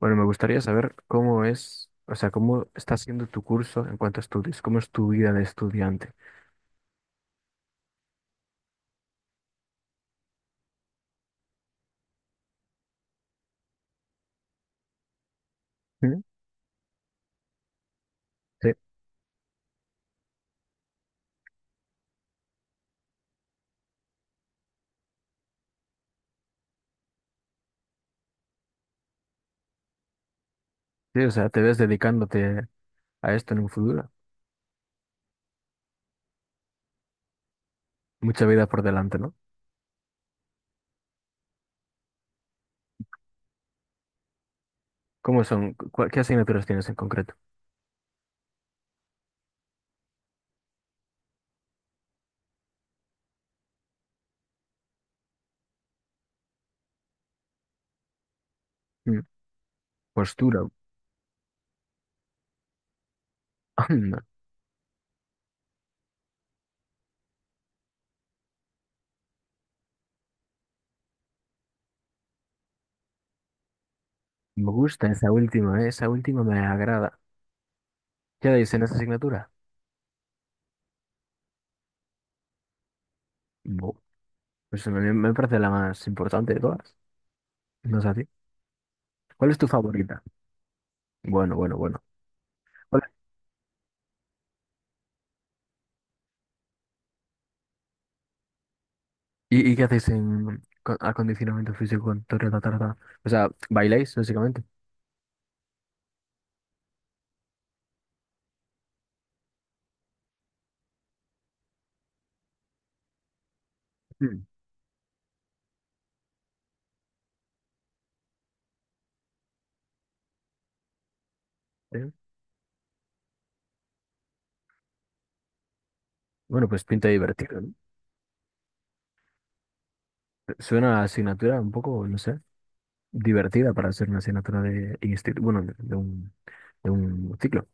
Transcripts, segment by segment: Bueno, me gustaría saber cómo es, o sea, cómo está siendo tu curso en cuanto a estudios, cómo es tu vida de estudiante. ¿Mm? Sí, sí, o sea, te ves dedicándote a esto en un futuro. Mucha vida por delante, ¿no? ¿Cómo son? ¿Qué asignaturas tienes en concreto? Mm. Postura. Anda, me gusta esa última, ¿eh? Esa última me agrada. ¿Qué dais en esa asignatura? Bu. Pues me parece la más importante de todas. No sé a ti. ¿Cuál es tu favorita? Bueno, bueno, bueno. ¿Y, qué hacéis en acondicionamiento físico con Torre la Tarda? O sea, ¿bailáis básicamente? Mm. Sí. Bueno, pues pinta divertido, ¿no? Suena a asignatura un poco, no sé, divertida para ser una asignatura de instituto, bueno, de un, de un ciclo.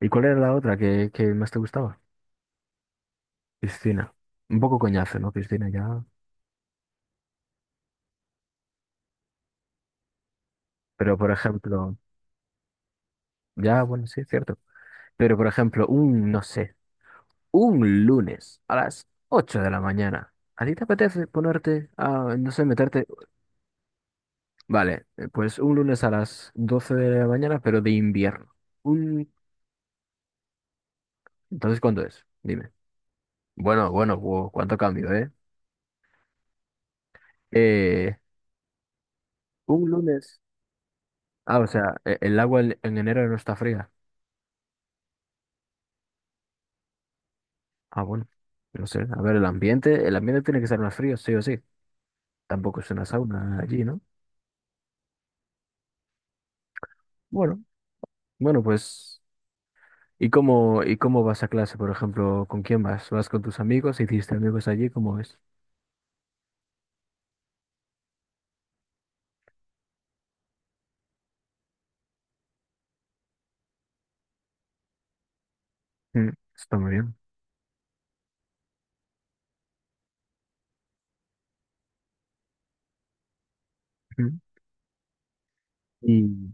¿Y cuál era la otra que más te gustaba? Piscina. Un poco coñazo, ¿no? Piscina ya. Pero por ejemplo, ya, bueno, sí, es cierto. Pero por ejemplo, un, no sé, un lunes a las 8 de la mañana. ¿A ti te apetece ponerte a, no sé, meterte? Vale, pues un lunes a las 12 de la mañana, pero de invierno. Un... Entonces, ¿cuándo es? Dime. Bueno, bueno, wow, cuánto cambio, ¿eh? Eh, un lunes. Ah, o sea, el agua en enero no está fría. Ah, bueno. No sé, a ver, el ambiente tiene que ser más frío, sí o sí. Tampoco es una sauna allí, ¿no? Bueno, bueno, pues. Y cómo vas a clase, por ejemplo? ¿Con quién vas? ¿Vas con tus amigos? ¿Hiciste amigos allí? ¿Cómo es? Mm, está muy bien. Mm. Y...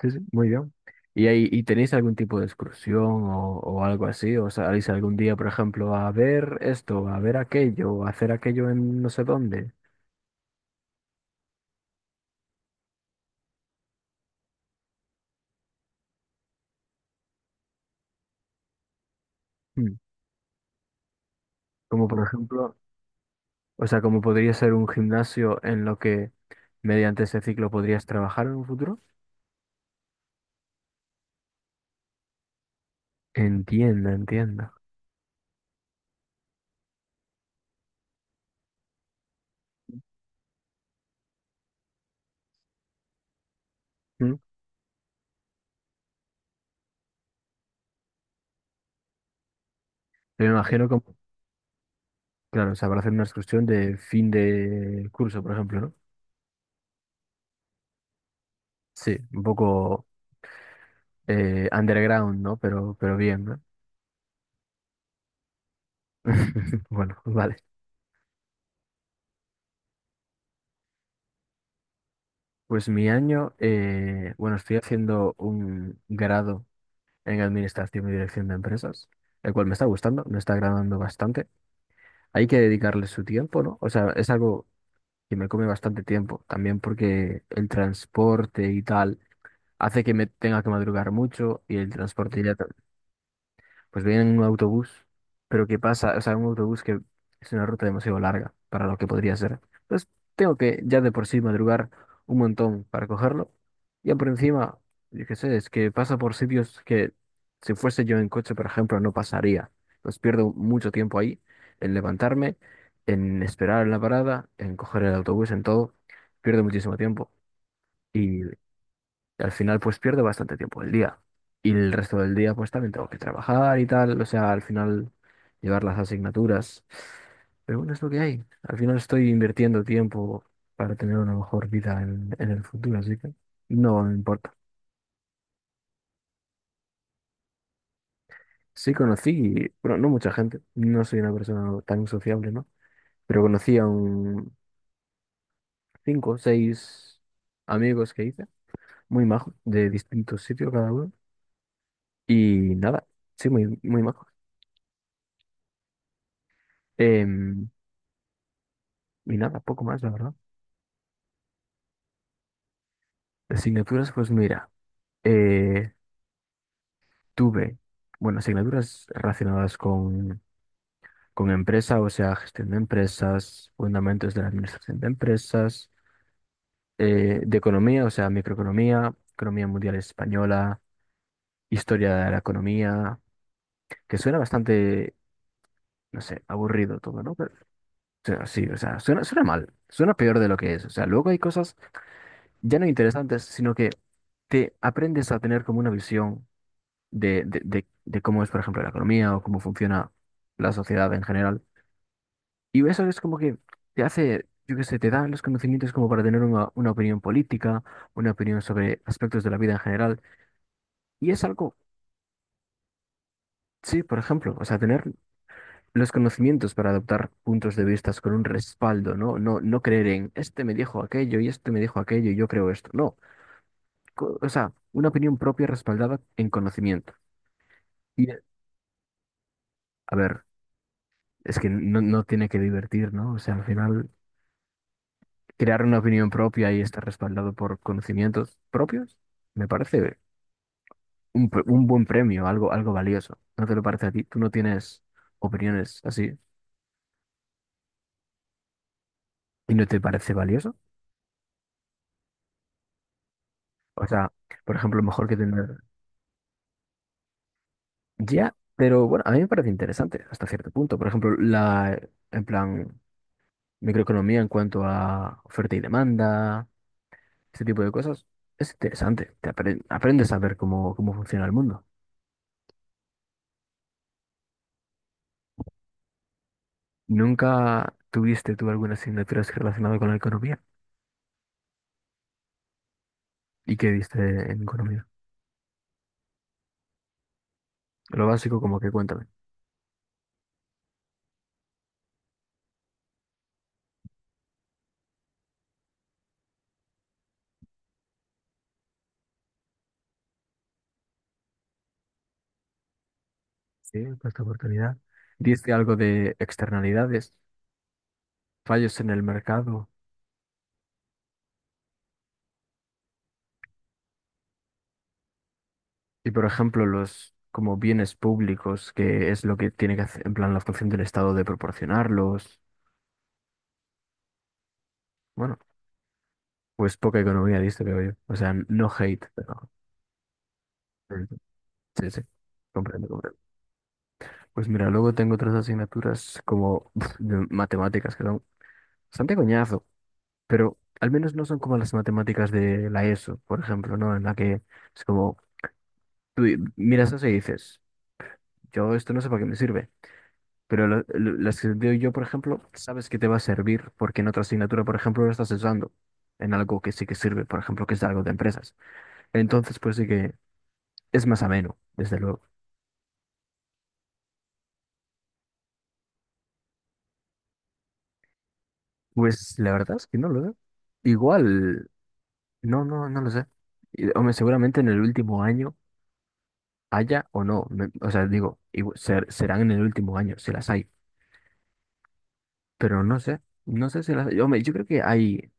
Sí, sí, muy bien. ¿Y, ahí, y tenéis algún tipo de excursión o algo así? ¿O salís algún día, por ejemplo, a ver esto, a ver aquello, o a hacer aquello en no sé dónde? Mm. Como por ejemplo, o sea, ¿como podría ser un gimnasio en lo que mediante ese ciclo podrías trabajar en un futuro? Entienda, entienda. Mm. Me imagino como, claro, o sea, para hacer una excursión de fin de curso, por ejemplo, ¿no? Sí, un poco underground, ¿no? Pero bien, ¿no? Bueno, vale. Pues mi año, bueno, estoy haciendo un grado en Administración y Dirección de Empresas, el cual me está gustando, me está agradando bastante. Hay que dedicarle su tiempo, ¿no? O sea, es algo que me come bastante tiempo, también porque el transporte y tal hace que me tenga que madrugar mucho y el transporte ya, pues vienen en un autobús, pero ¿qué pasa? O sea, un autobús que es una ruta demasiado larga para lo que podría ser. Pues tengo que ya de por sí madrugar un montón para cogerlo. Y por encima, yo qué sé, es que pasa por sitios que si fuese yo en coche, por ejemplo, no pasaría. Pues pierdo mucho tiempo ahí en levantarme, en esperar en la parada, en coger el autobús, en todo. Pierdo muchísimo tiempo. Y al final pues pierdo bastante tiempo del día. Y el resto del día pues también tengo que trabajar y tal. O sea, al final llevar las asignaturas. Pero bueno, es lo que hay. Al final estoy invirtiendo tiempo para tener una mejor vida en el futuro, así que no me importa. Sí conocí, bueno, no mucha gente. No soy una persona tan sociable, ¿no? Pero conocí a un cinco o seis amigos que hice, muy majos, de distintos sitios cada uno. Y nada, sí, muy majos. Em. Y nada, poco más, la verdad. Asignaturas, pues mira, eh, tuve, bueno, asignaturas relacionadas con empresa, o sea, gestión de empresas, fundamentos de la administración de empresas, de economía, o sea, microeconomía, economía mundial española, historia de la economía, que suena bastante, no sé, aburrido todo, ¿no? Pero, o sea, sí, o sea, suena, suena mal, suena peor de lo que es. O sea, luego hay cosas ya no interesantes, sino que te aprendes a tener como una visión. De cómo es, por ejemplo, la economía o cómo funciona la sociedad en general. Y eso es como que te hace, yo qué sé, te dan los conocimientos como para tener una opinión política, una opinión sobre aspectos de la vida en general. Y es algo, sí, por ejemplo, o sea, tener los conocimientos para adoptar puntos de vista con un respaldo, ¿no? No, no creer en este me dijo aquello y este me dijo aquello y yo creo esto. No. O sea, una opinión propia respaldada en conocimiento. Y, a ver, es que no, no tiene que divertir, ¿no? O sea, al final... crear una opinión propia y estar respaldado por conocimientos propios, me parece un, un buen premio, algo, algo valioso. ¿No te lo parece a ti? ¿Tú no tienes opiniones así y no te parece valioso? O sea, por ejemplo, mejor que tener... Ya, pero bueno, a mí me parece interesante hasta cierto punto. Por ejemplo, la, en plan, microeconomía en cuanto a oferta y demanda, ese tipo de cosas, es interesante. Aprendes a ver cómo, cómo funciona el mundo. ¿Nunca tuviste tú alguna asignatura así relacionada con la economía? ¿Y qué diste en economía? Lo básico, como que cuéntame. Sí, por esta oportunidad. Diste algo de externalidades, fallos en el mercado y, por ejemplo, los como bienes públicos, que es lo que tiene que hacer, en plan, la función del Estado de proporcionarlos. Bueno, pues poca economía diste, veo yo. O sea, no hate, pero... Sí, sí. Comprendo, comprendo. Pues mira, luego tengo otras asignaturas como de matemáticas que son bastante coñazo. Pero al menos no son como las matemáticas de la ESO, por ejemplo, ¿no? En la que es como, miras eso y dices, yo esto no sé para qué me sirve, pero las que doy yo, por ejemplo, sabes que te va a servir porque en otra asignatura, por ejemplo, lo estás usando en algo que sí que sirve, por ejemplo, que es algo de empresas. Entonces, pues sí que es más ameno, desde luego. Pues la verdad es que no lo sé. Igual, no lo sé. Y- Hombre, seguramente en el último año haya o no. O sea, digo, serán en el último año, si las hay. Pero no sé, no sé si las... Yo, yo creo que hay,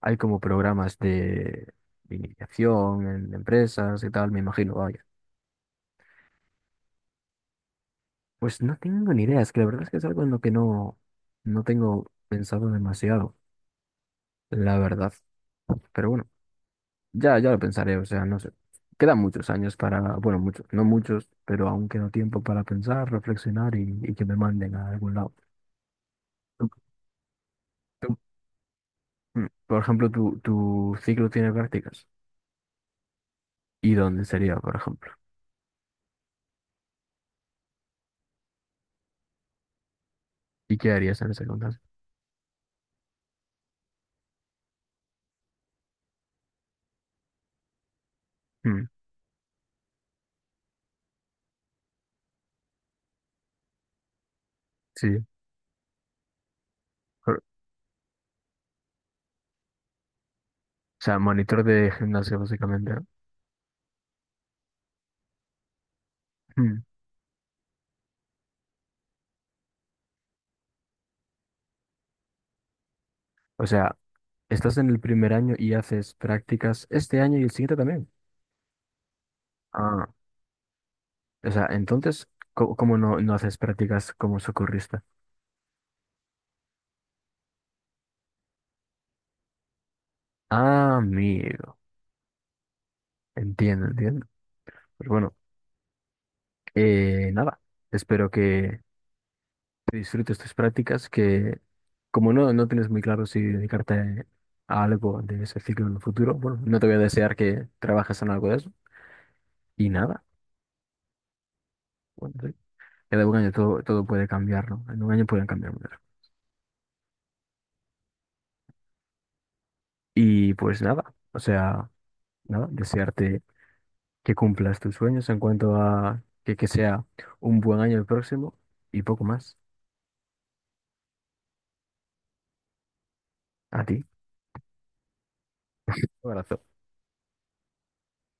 hay como programas de iniciación en empresas y tal, me imagino, vaya. Pues no tengo ni idea, es que la verdad es que es algo en lo que no, no tengo pensado demasiado, la verdad. Pero bueno, ya lo pensaré, o sea, no sé. Quedan muchos años para, bueno, muchos, no muchos, pero aún queda tiempo para pensar, reflexionar y que me manden a algún lado. Tú- Tú, mm, por ejemplo, tu ciclo tiene prácticas. ¿Y dónde sería, por ejemplo? ¿Y qué harías en ese contexto? Mm, sí, pero- o sea, monitor de gimnasio básicamente, ¿no? Mm. O sea, estás en el primer año y haces prácticas este año y el siguiente también. Ah, o sea, entonces, ¿cómo, no, no haces prácticas como socorrista? Ah, amigo, entiendo, entiendo. Pues bueno, nada, espero que te disfrutes tus prácticas, que como no, no tienes muy claro si dedicarte a algo de ese ciclo en el futuro, bueno, no te voy a desear que trabajes en algo de eso. Y nada. Bueno, sí. Cada un año todo, todo puede cambiar, ¿no? En un año pueden cambiar muchas cosas. Y pues nada, o sea, nada, desearte que cumplas tus sueños en cuanto a que sea un buen año el próximo y poco más. A ti. Un abrazo.